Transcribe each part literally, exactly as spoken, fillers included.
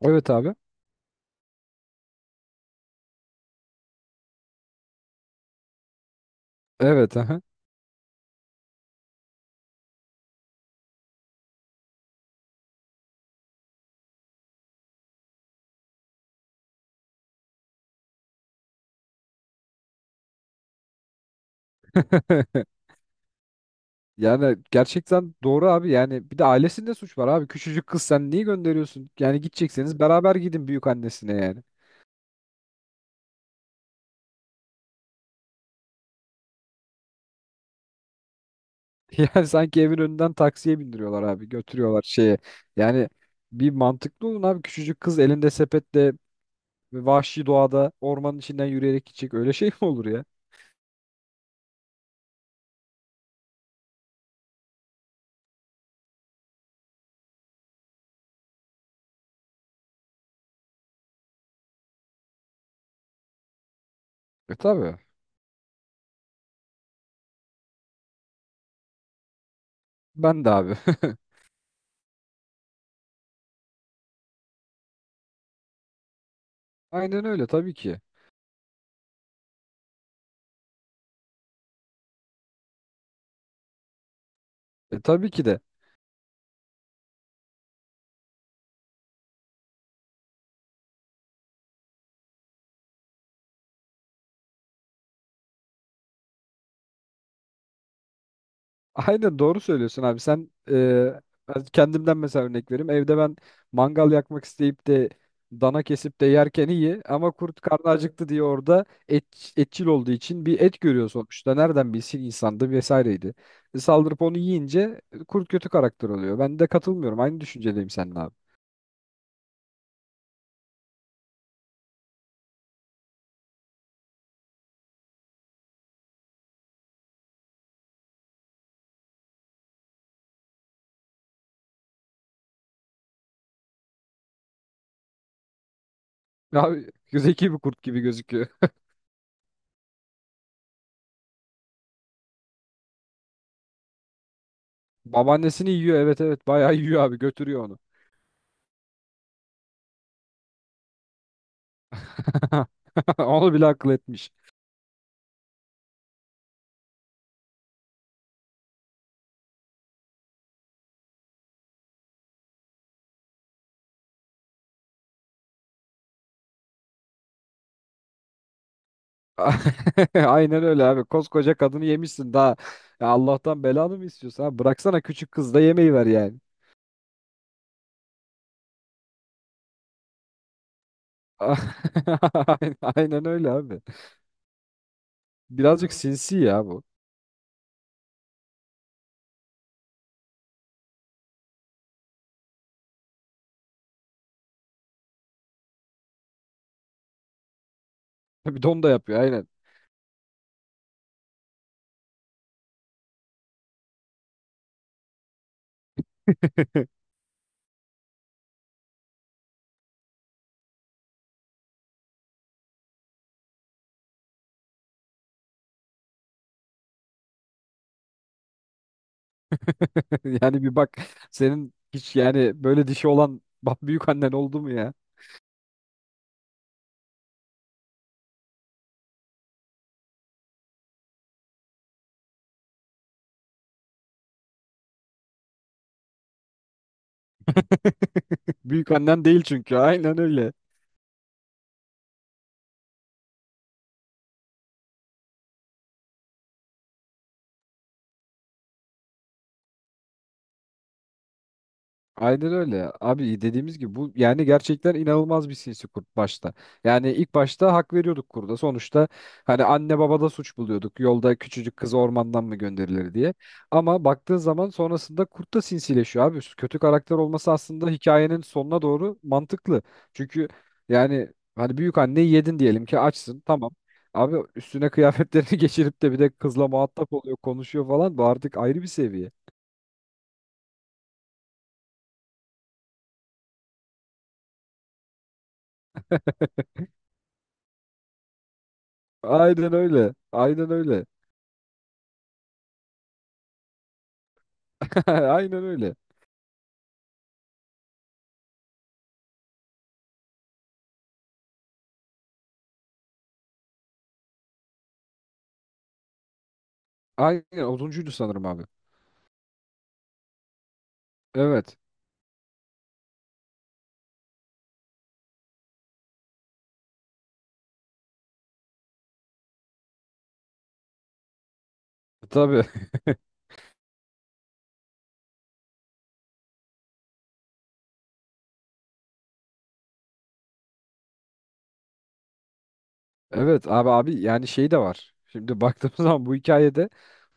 Evet abi. Evet, aha. Yani gerçekten doğru abi. Yani bir de ailesinde suç var abi. Küçücük kız, sen niye gönderiyorsun? Yani gidecekseniz beraber gidin büyük annesine yani. Yani sanki evin önünden taksiye bindiriyorlar abi. Götürüyorlar şeye. Yani bir mantıklı olun abi. Küçücük kız elinde sepetle vahşi doğada ormanın içinden yürüyerek gidecek. Öyle şey mi olur ya? E tabii. Ben de abi. Aynen öyle, tabii ki. E tabii ki de. Aynen doğru söylüyorsun abi. Sen e, ben kendimden mesela örnek vereyim. Evde ben mangal yakmak isteyip de dana kesip de yerken iyi, ama kurt karnı acıktı diye orada et, etçil olduğu için bir et görüyor sonuçta. Nereden bilsin insandı vesaireydi. E, saldırıp onu yiyince e, kurt kötü karakter oluyor. Ben de katılmıyorum. Aynı düşüncedeyim seninle abi. Abi zeki bir kurt gibi gözüküyor. Babaannesini yiyor, evet evet, bayağı yiyor abi, götürüyor onu. Onu bile akıl etmiş. Aynen öyle abi. Koskoca kadını yemişsin daha. Ya Allah'tan belanı mı istiyorsun abi? Bıraksana, küçük kız da yemeği ver yani. Aynen aynen öyle abi. Birazcık sinsi ya bu. Bir don da yapıyor aynen. Yani bir bak, senin hiç yani böyle dişi olan, bak, büyük annen oldu mu ya? Büyük annen değil çünkü, aynen öyle. Aynen öyle. Abi dediğimiz gibi bu, yani gerçekten inanılmaz bir sinsi kurt başta. Yani ilk başta hak veriyorduk kurda. Sonuçta hani anne babada suç buluyorduk. Yolda küçücük kız ormandan mı gönderilir diye. Ama baktığın zaman sonrasında kurt da sinsileşiyor abi. Kötü karakter olması aslında hikayenin sonuna doğru mantıklı. Çünkü yani hani büyük anneyi yedin diyelim ki, açsın, tamam. Abi üstüne kıyafetlerini geçirip de bir de kızla muhatap oluyor, konuşuyor falan. Bu artık ayrı bir seviye. Aynen öyle. Aynen öyle. Aynen öyle. Aynen otuzuydu sanırım abi. Evet. Tabii. Evet abi, abi yani şey de var. Şimdi baktığımız zaman bu hikayede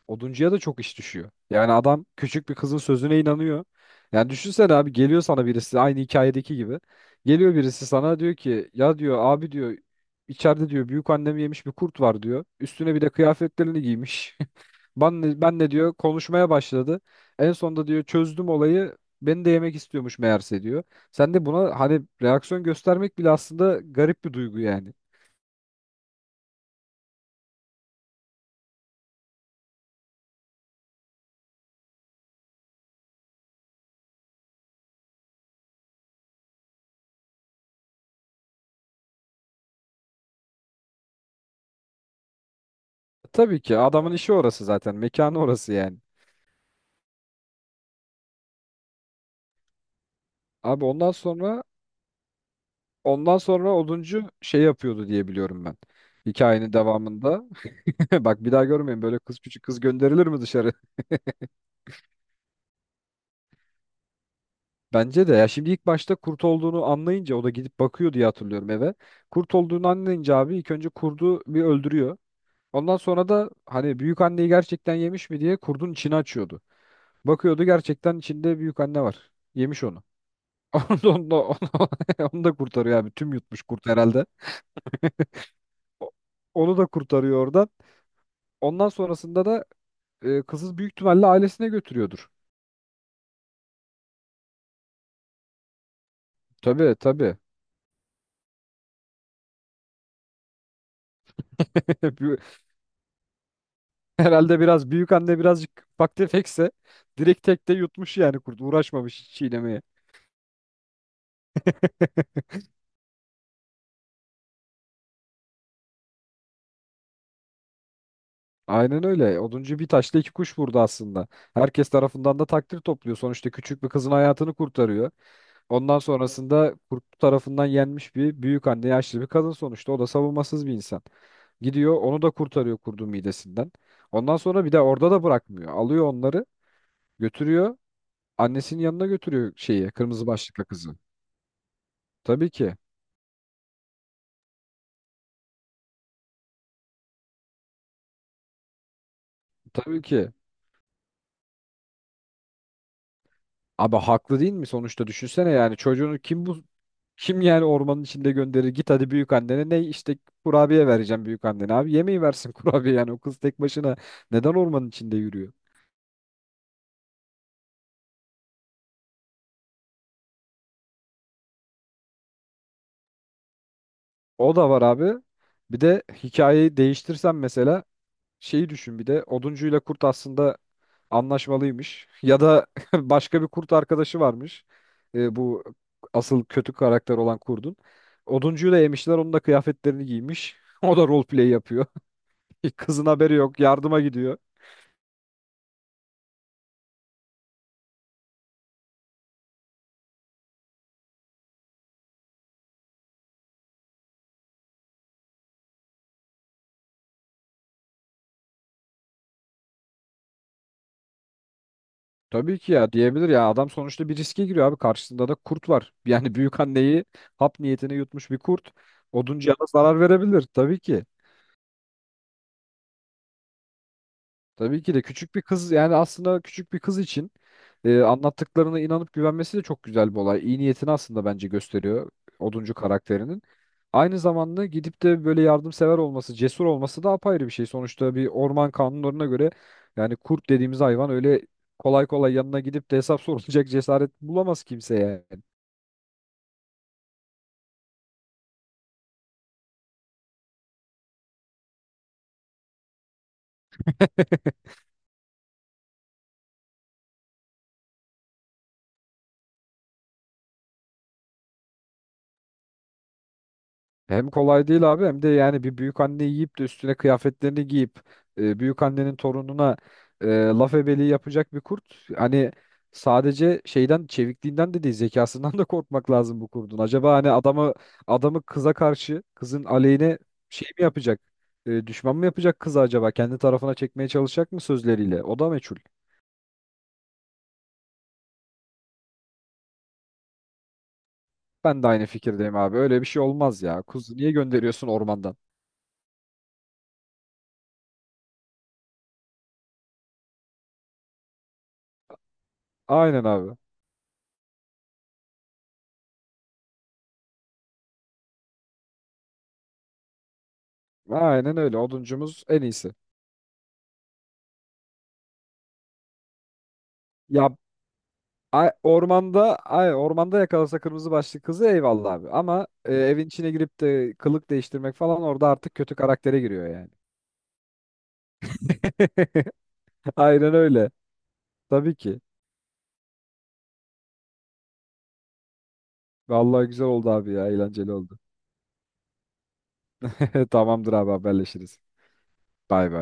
oduncuya da çok iş düşüyor. Yani adam küçük bir kızın sözüne inanıyor. Yani düşünsene abi, geliyor sana birisi aynı hikayedeki gibi. Geliyor birisi sana, diyor ki ya, diyor abi, diyor, içeride diyor büyük annemi yemiş bir kurt var, diyor. Üstüne bir de kıyafetlerini giymiş. Ben ne, ben ne diyor, konuşmaya başladı. En sonunda diyor çözdüm olayı. Beni de yemek istiyormuş meğerse, diyor. Sen de buna hani reaksiyon göstermek bile aslında garip bir duygu yani. Tabii ki adamın işi orası zaten. Mekanı orası yani. Abi ondan sonra Ondan sonra oduncu şey yapıyordu diye biliyorum ben. Hikayenin devamında. Bak, bir daha görmeyin, böyle kız, küçük kız gönderilir mi dışarı? Bence de, ya şimdi ilk başta kurt olduğunu anlayınca o da gidip bakıyor diye hatırlıyorum eve. Kurt olduğunu anlayınca abi ilk önce kurdu bir öldürüyor. Ondan sonra da hani büyük anneyi gerçekten yemiş mi diye kurdun içini açıyordu. Bakıyordu, gerçekten içinde büyük anne var. Yemiş onu. Onu da, onu da, onu da onu da kurtarıyor abi. Tüm yutmuş kurt herhalde. O- Onu da kurtarıyor oradan. Ondan sonrasında da e, kızı büyük ihtimalle ailesine götürüyordur. Tabii tabii. Bu- Herhalde biraz büyük anne birazcık ufak tefekse direkt tekte yutmuş, yani kurt uğraşmamış hiç çiğnemeye. Aynen öyle. Oduncu bir taşla iki kuş vurdu aslında. Herkes tarafından da takdir topluyor. Sonuçta küçük bir kızın hayatını kurtarıyor. Ondan sonrasında kurt tarafından yenmiş bir büyük anne, yaşlı bir kadın sonuçta. O da savunmasız bir insan. Gidiyor onu da kurtarıyor kurdun midesinden. Ondan sonra bir de orada da bırakmıyor. Alıyor onları, götürüyor, annesinin yanına götürüyor şeyi, kırmızı başlıklı kızı. Tabii ki. Tabii ki. Abi haklı değil mi, sonuçta düşünsene, yani çocuğunu kim bu kim yani ormanın içinde gönderir, git hadi büyük annene, ne, işte kurabiye vereceğim büyük annene, abi yemeği versin kurabiye, yani o kız tek başına neden ormanın içinde yürüyor? O da var abi. Bir de hikayeyi değiştirsem mesela, şeyi düşün, bir de oduncuyla kurt aslında anlaşmalıymış ya da başka bir kurt arkadaşı varmış. E, bu asıl kötü karakter olan kurdun. Oduncuyu da yemişler, onun da kıyafetlerini giymiş. O da roleplay yapıyor. Kızın haberi yok, yardıma gidiyor. Tabii ki, ya diyebilir ya, adam sonuçta bir riske giriyor abi, karşısında da kurt var. Yani büyük anneyi hap niyetine yutmuş bir kurt oduncuya da zarar verebilir tabii ki. Tabii ki de küçük bir kız, yani aslında küçük bir kız için e, anlattıklarına inanıp güvenmesi de çok güzel bir olay. İyi niyetini aslında bence gösteriyor oduncu karakterinin. Aynı zamanda gidip de böyle yardımsever olması, cesur olması da apayrı bir şey. Sonuçta bir orman kanunlarına göre yani kurt dediğimiz hayvan öyle kolay kolay yanına gidip de hesap sorulacak cesaret bulamaz kimseye yani. Hem kolay değil abi, hem de yani bir büyük anne yiyip de üstüne kıyafetlerini giyip e, büyük annenin torununa e, laf ebeliği yapacak bir kurt. Hani sadece şeyden, çevikliğinden de değil, zekasından da korkmak lazım bu kurdun. Acaba hani adamı adamı kıza karşı, kızın aleyhine şey mi yapacak? E, düşman mı yapacak kızı acaba? Kendi tarafına çekmeye çalışacak mı sözleriyle? O da meçhul. Ben de aynı fikirdeyim abi. Öyle bir şey olmaz ya. Kuzu niye gönderiyorsun ormandan? Aynen abi. Aynen öyle. Oduncumuz en iyisi. Ya Ay, ormanda ay ormanda yakalasa kırmızı başlı kızı eyvallah abi. Ama e, evin içine girip de kılık değiştirmek falan, orada artık kötü karaktere giriyor yani. Aynen öyle. Tabii ki. Vallahi güzel oldu abi ya, eğlenceli oldu. Tamamdır abi, haberleşiriz. Bay bay.